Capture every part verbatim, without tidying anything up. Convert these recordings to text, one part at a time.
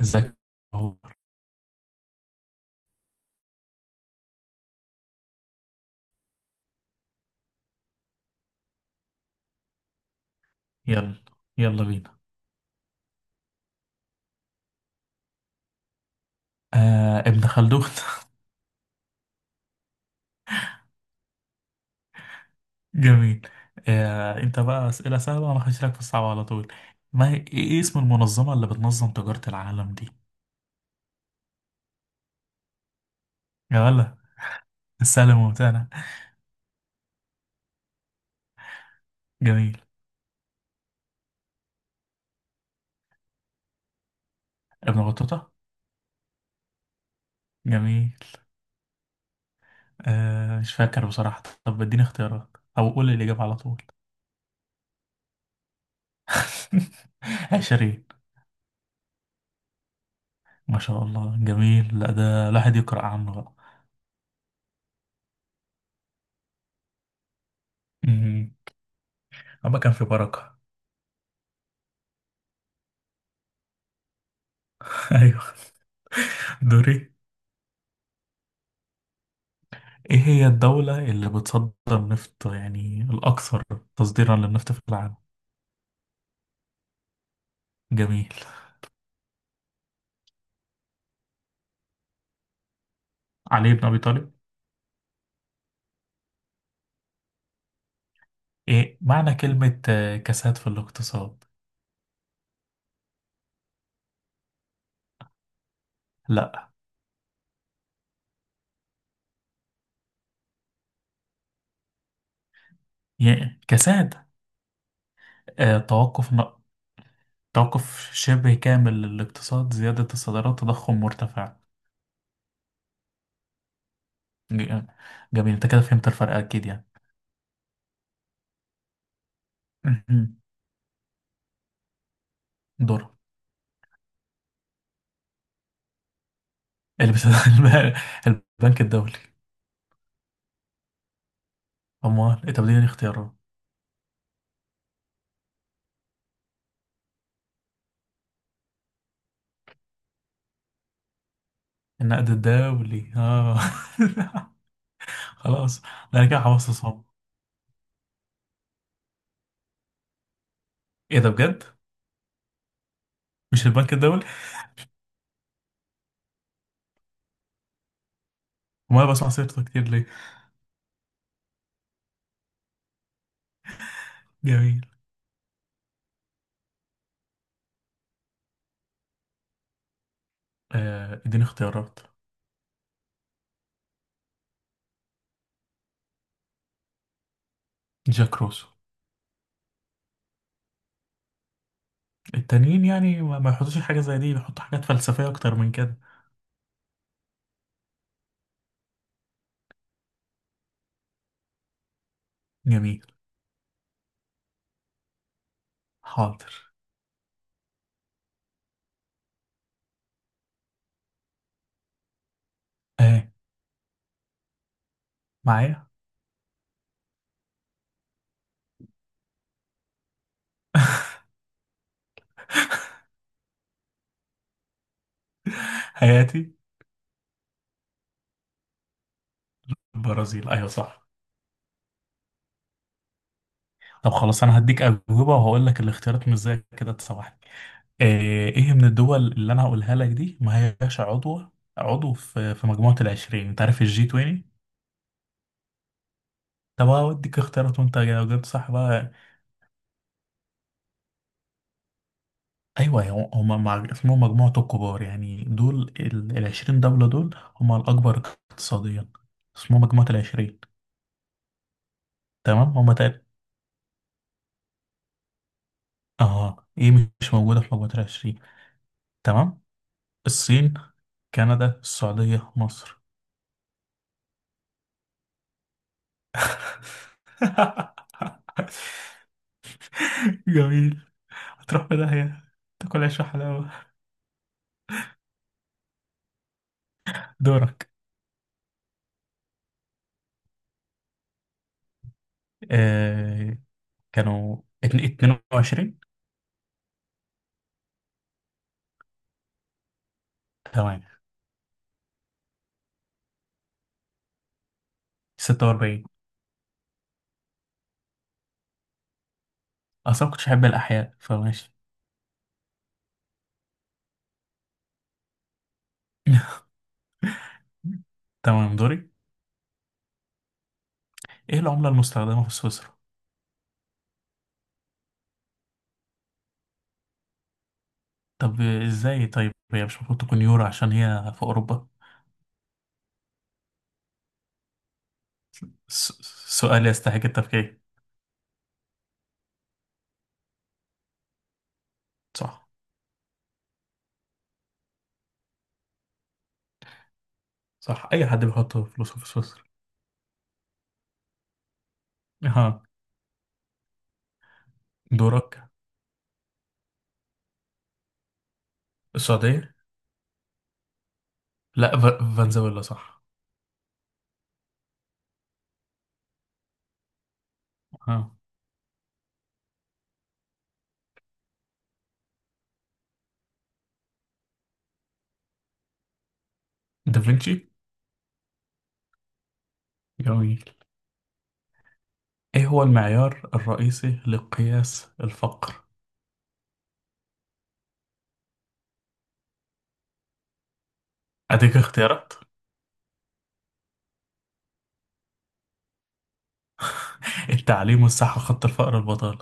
ازيك. يلا يلا بينا. آه، ابن خلدون. جميل. آه انت بقى اسئله سهله وانا هخش لك في الصعب على طول. ما هي ايه إيه اسم المنظمه اللي بتنظم تجاره العالم دي؟ يا ولا. السهل الممتع ده. جميل. ابن بطوطه. جميل. آه مش فاكر بصراحه، طب اديني اختيارات او قول لي الاجابه على طول. عشرين. ما شاء الله جميل، لا ده الواحد يقرأ عنه بقى. أمم، أما كان في بركة. أيوه. دوري. إيه هي الدولة اللي بتصدر نفط يعني الأكثر تصديرا للنفط في العالم؟ جميل. علي بن أبي طالب. إيه معنى كلمة آه، كساد في الاقتصاد؟ لا. يعني كساد. آه، توقف ن... توقف شبه كامل للاقتصاد، زيادة الصادرات، تضخم مرتفع. ج- جميل. أنت كده فهمت الفرق أكيد يعني. دور. اللي بس... البنك الدولي. أموال إيه؟ طب دي يعني اختيارات. النقد الدولي آه. خلاص ده، انا كده خلاص. ايه ده بجد؟ مش البنك الدولي؟ وما بسمع سيرته كتير ليه؟ جميل. آه اديني اختيارات. جاك روسو. التانيين يعني ما ما يحطوش حاجة زي دي، بيحطوا حاجات فلسفية أكتر من كده. جميل. حاضر. آه. معايا. حياتي. البرازيل، أيوة صح. طب خلاص أنا هديك أجوبة وهقول لك الاختيارات، مش زي كده، تسامحني. آه. إيه من الدول اللي أنا هقولها لك دي ما هياش عضوة عضو في في مجموعة العشرين، أنت عارف الجي عشرين؟ طب هوديك اختيارات وأنت جاوبت صح بقى. ايوه هو- هم مع- اسمهم مجموعة الكبار، يعني دول ال العشرين دولة دول، هم الأكبر اقتصاديا، اسمهم مجموعة العشرين. تمام هم تقريبا. اه ايه، مش موجودة في مجموعة العشرين. تمام. الصين، كندا، السعودية، مصر. جميل. هتروح في داهية تاكل عيش وحلاوة. دورك. آه. كانوا اتن- اتنين وعشرين. تمام. ستة وأربعين. أصلا ما كنتش أحب الأحياء فماشي. تمام. دوري. ايه العملة المستخدمة في سويسرا؟ طب ازاي؟ طيب هي مش المفروض تكون يورو عشان هي في اوروبا؟ س- سؤال يستحق التفكير. صح. صح، اي حد بيحط فلوسه في سويسرا. ها. دورك. السعودية؟ لا، ف- فنزويلا صح. ها. دافنشي. جميل. ايه هو المعيار الرئيسي لقياس الفقر؟ اديك اختيارات. التعليم والصحة، خط الفقر، البطالة.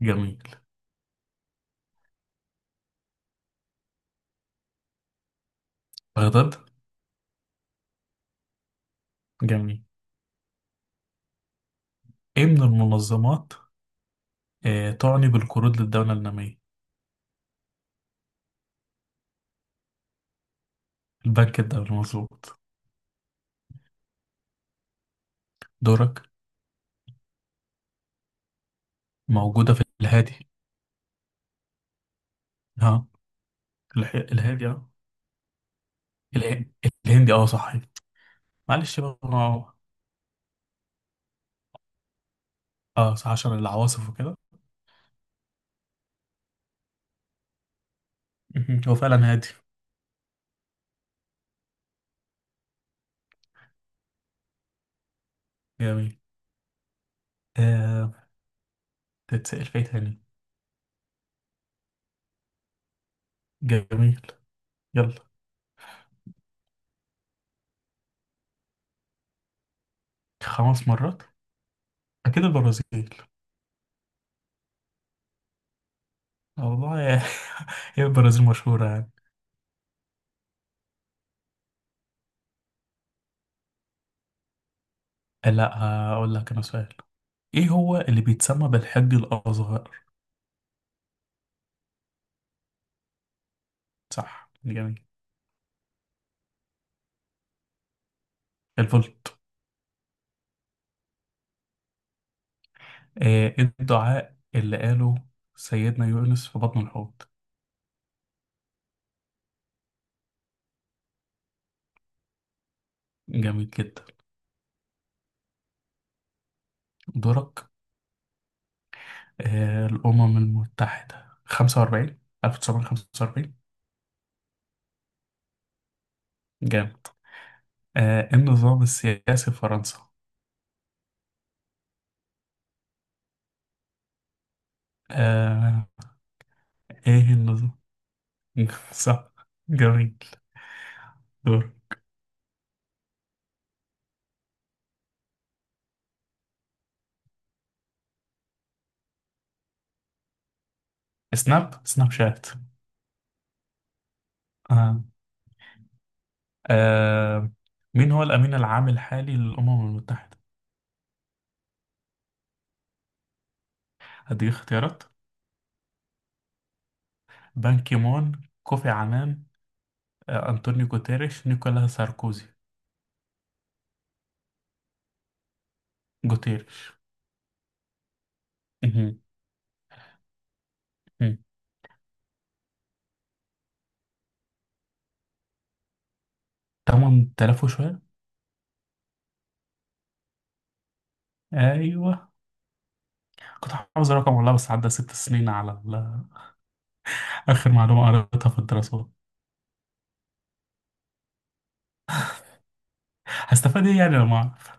جميل. بغداد. جميل. ايه من المنظمات آه، تعني بالقروض للدولة النامية؟ الباك الدوري مظبوط. دورك. موجودة في الهادي. ها. الح... الهادي اه. اله... الهندي اه صح. معلش بقى اه. آه، صح، عشان العواصف وكده. مهم. هو فعلا هادي. جميل. آه... تتسأل في إيه تاني؟ جميل. يلا. خمس مرات. أكيد البرازيل. والله يا- هي البرازيل مشهورة يعني. آه، لا، هقول لك أنا سؤال. إيه هو اللي بيتسمى بالحج الأصغر؟ صح جميل. الفولت. آه، إيه الدعاء اللي قاله سيدنا يونس في بطن الحوت؟ جميل جدا. دورك. آه، الأمم المتحدة خمسة وأربعين ألف وتسعمائة وخمسة وأربعين. جامد. آه، إيه النظام السياسي في فرنسا؟ آه، إيه النظام؟ صح. جميل. دور. سناب سناب شات. آه. آه. مين هو الأمين العام الحالي للأمم المتحدة؟ هدي اختيارات. بان كيمون، كوفي عنان، آه، أنطونيو غوتيريش، نيكولا ساركوزي. جوتيرش. مهم. مهم. تمن تلاف وشوية. ايوه. كنت حافظ الرقم والله، بس عدى ست سنين على ال- اخر معلومة قريتها في الدراسات. هستفاد ايه يعني لما اعرف؟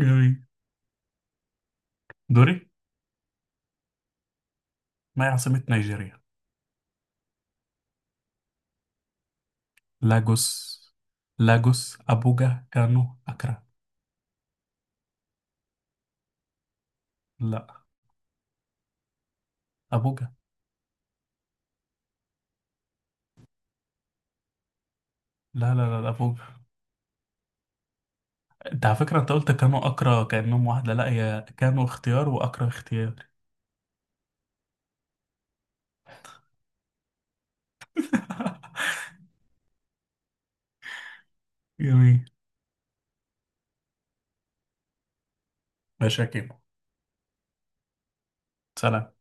جميل. دوري. ما هي عاصمة نيجيريا؟ لاجوس. لاجوس، ابوجا، كانو، اكرا. لا. ابوجا. لا لا لا لا، ابوجا. انت على فكرة انت قلت كانو اكرا كأنهم واحدة، لا، هي كانو اختيار واكرا اختيار. جميل. ماشي يا كيمو. سلام.